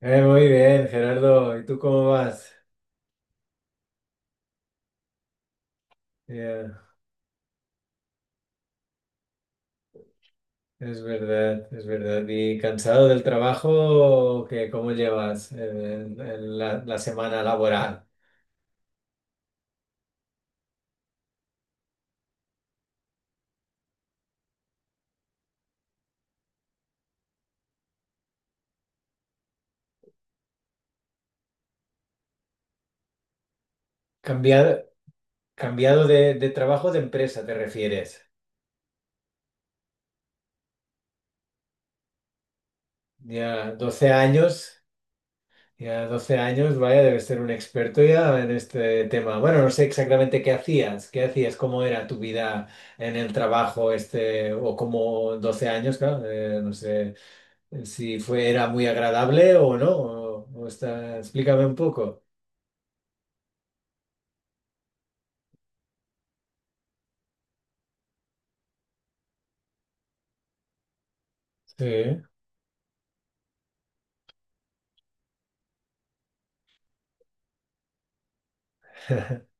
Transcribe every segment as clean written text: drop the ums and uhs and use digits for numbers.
Muy bien, Gerardo. ¿Y tú cómo vas? Ya, es verdad, es verdad. ¿Y cansado del trabajo o qué? ¿Cómo llevas la semana laboral? Cambiado, cambiado de trabajo de empresa, ¿te refieres? Ya 12 años, ya 12 años, vaya, debes ser un experto ya en este tema. Bueno, no sé exactamente qué hacías, cómo era tu vida en el trabajo este, o cómo 12 años, claro, no sé. Si fue, era muy agradable o no, o está, explícame un poco. Sí,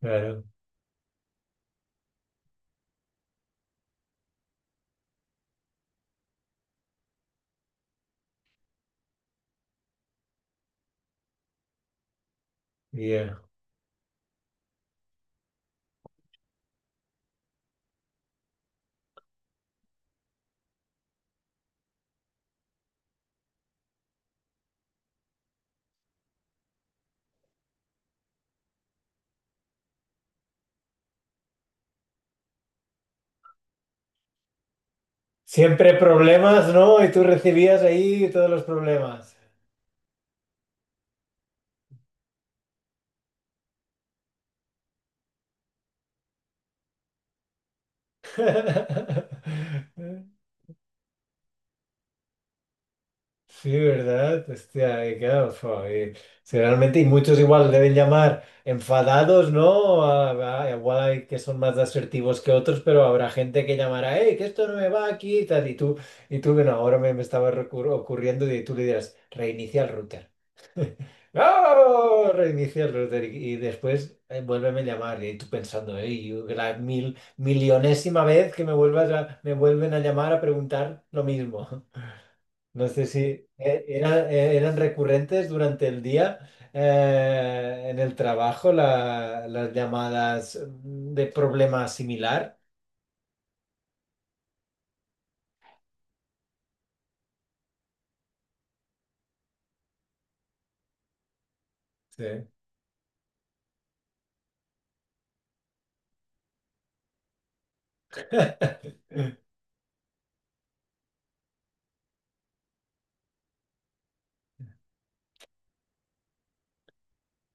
claro, ya. Siempre problemas, ¿no? Y tú recibías ahí todos los problemas. Sí, ¿verdad? Hostia, claro, fua, sí, realmente, y muchos igual deben llamar enfadados, ¿no? Igual hay que son más asertivos que otros, pero habrá gente que llamará, hey, que esto no me va aquí y tal, y tú, bueno, ahora me estaba ocurriendo y tú le dirás, reinicia el router. ¡No! Reinicia el router y después vuélveme a llamar y tú pensando, hey, la millonésima vez que me vuelvas a, me vuelven a llamar a preguntar lo mismo. No sé si eran recurrentes durante el día en el trabajo las llamadas de problema similar. Sí.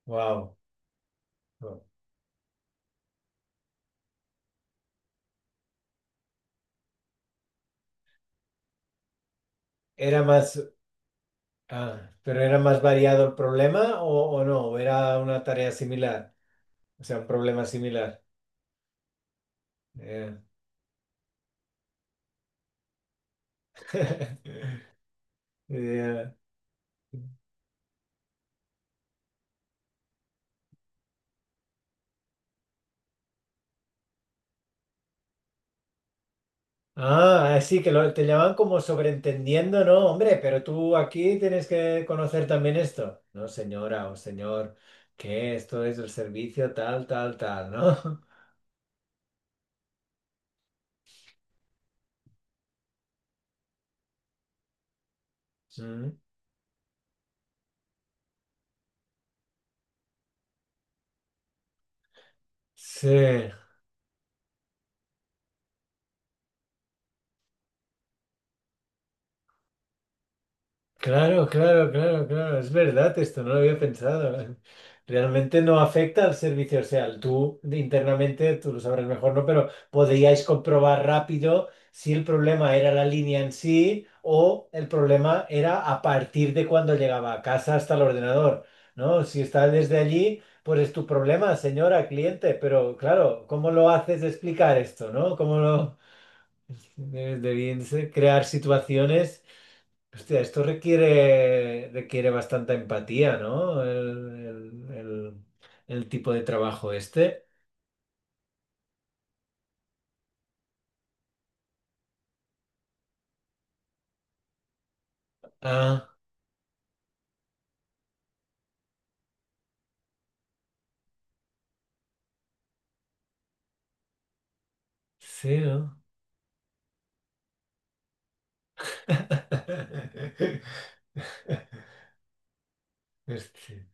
Wow. Era más, ah, pero era más variado el problema o no, ¿o era una tarea similar, o sea, un problema similar? Yeah. Yeah. Ah, sí, que lo, te llaman como sobreentendiendo, ¿no? Hombre, pero tú aquí tienes que conocer también esto. No, señora o señor, que esto es el servicio tal, tal, tal, ¿no? Mm. Sí. Claro, claro, claro, claro, es verdad esto, no lo había pensado. Realmente no afecta al servicio, o sea, tú internamente, tú lo sabrás mejor, ¿no? Pero podríais comprobar rápido si el problema era la línea en sí o el problema era a partir de cuando llegaba a casa hasta el ordenador, ¿no? Si está desde allí, pues es tu problema, señora, cliente, pero claro, ¿cómo lo haces explicar esto, ¿no? ¿Cómo lo... Debían crear situaciones. Hostia, esto requiere, requiere bastante empatía, ¿no? El- el- el tipo de trabajo este. Ah, sí, ¿no? Hostia.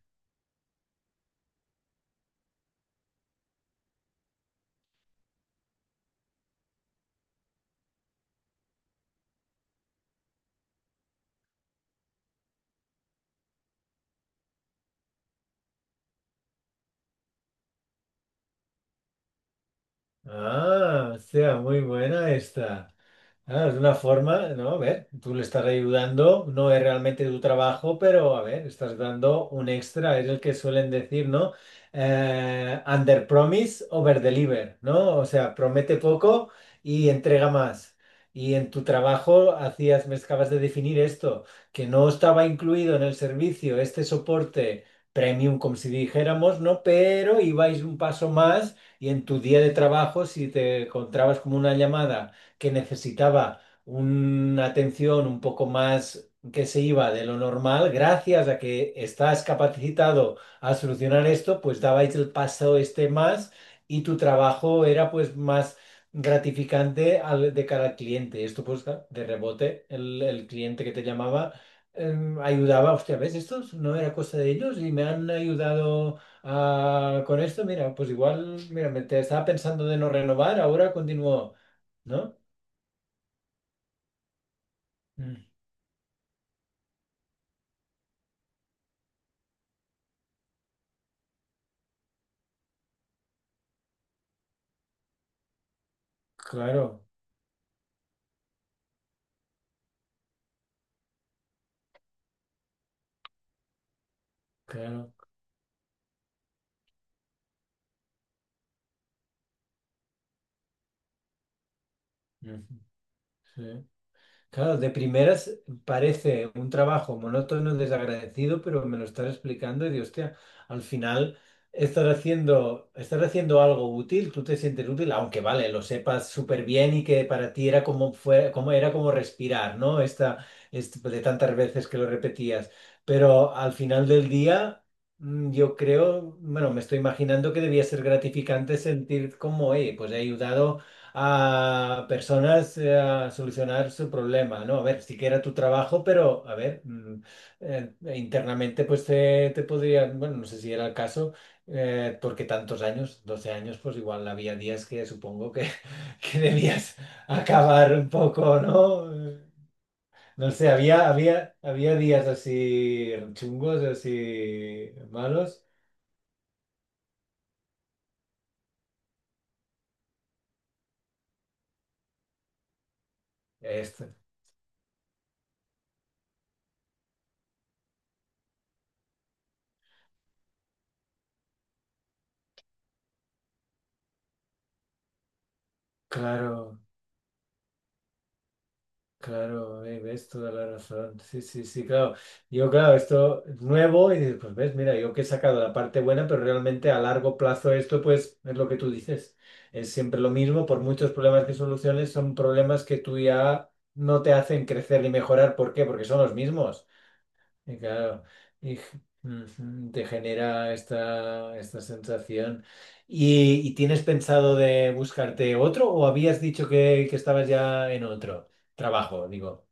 Ah, hostia, muy buena esta. Ah, es una forma, ¿no? A ver, tú le estás ayudando, no es realmente tu trabajo, pero a ver, estás dando un extra, es el que suelen decir, ¿no? Under promise, over deliver, ¿no? O sea, promete poco y entrega más. Y en tu trabajo hacías, me acabas de definir esto, que no estaba incluido en el servicio este soporte premium, como si dijéramos, ¿no? Pero ibais un paso más y en tu día de trabajo, si te encontrabas como una llamada que necesitaba una atención un poco más que se iba de lo normal, gracias a que estás capacitado a solucionar esto, pues dabais el paso este más y tu trabajo era pues más gratificante de cara al cliente. Esto pues claro, de rebote, el cliente que te llamaba ayudaba, hostia, ¿ves? Esto no era cosa de ellos y me han ayudado con esto, mira, pues igual, mira, me te estaba pensando de no renovar, ahora continúo, ¿no? Mm. Claro, claro. Ujú, sí. Claro, de primeras parece un trabajo monótono, desagradecido, pero me lo estás explicando y digo, hostia, al final estás haciendo algo útil, tú te sientes útil, aunque vale, lo sepas súper bien y que para ti era como fue, como era como respirar, ¿no? Pues, de tantas veces que lo repetías. Pero al final del día, yo creo, bueno, me estoy imaginando que debía ser gratificante sentir como, hey, pues he ayudado a personas a solucionar su problema, ¿no? A ver, sí que era tu trabajo, pero a ver, e internamente pues te podrían, bueno, no sé si era el caso, porque tantos años, 12 años, pues igual había días que supongo que, que debías acabar un poco, ¿no? No sé, había, había, había días así chungos, así malos. Esto claro. Claro, ves toda la razón. Sí, sí, sí, claro. Yo, claro, esto es nuevo y dices, pues ves, mira, yo que he sacado la parte buena, pero realmente a largo plazo esto, pues, es lo que tú dices. Es siempre lo mismo, por muchos problemas que soluciones, son problemas que tú ya no te hacen crecer ni mejorar. ¿Por qué? Porque son los mismos. Y claro, y, ujú, te genera esta, esta sensación. Y tienes pensado de buscarte otro o habías dicho que estabas ya en otro trabajo, digo?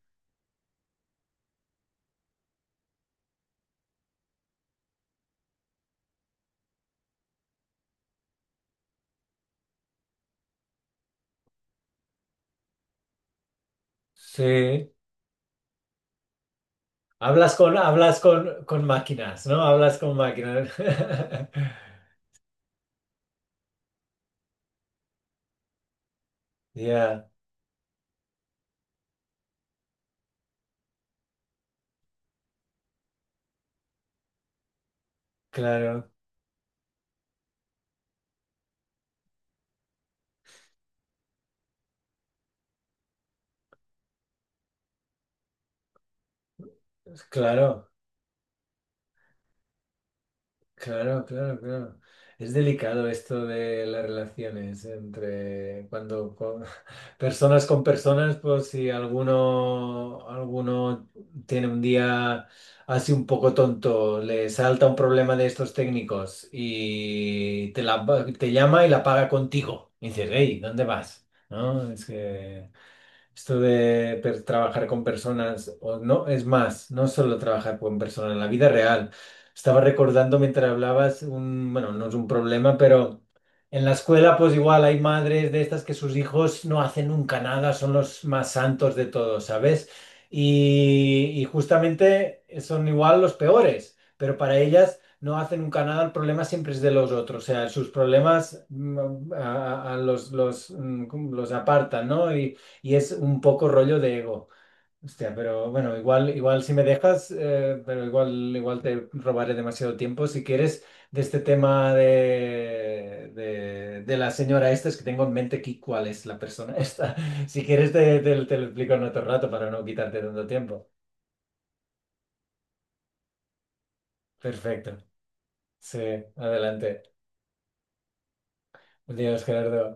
Sí, hablas con máquinas, ¿no? Hablas con máquinas. Ya, claro, claro. Claro, claro, claro. Es delicado esto de las relaciones entre cuando personas con personas, pues si alguno, alguno tiene un día así un poco tonto, le salta un problema de estos técnicos y te, la, te llama y la paga contigo. Y dices, hey, ¿dónde vas? ¿No? Es que... Esto de trabajar con personas, o no, es más, no solo trabajar con personas, en la vida real. Estaba recordando mientras hablabas, un, bueno, no es un problema, pero en la escuela pues igual hay madres de estas que sus hijos no hacen nunca nada, son los más santos de todos, ¿sabes? Y justamente son igual los peores, pero para ellas no hacen nunca nada, el problema siempre es de los otros, o sea, sus problemas a los, los apartan, ¿no? Y es un poco rollo de ego. Hostia, pero bueno, igual, igual si me dejas, pero igual, igual te robaré demasiado tiempo. Si quieres, de este tema de la señora esta, es que tengo en mente aquí cuál es la persona esta. Si quieres, te, te lo explico en otro rato para no quitarte tanto tiempo. Perfecto. Sí, adelante. Adiós, Gerardo.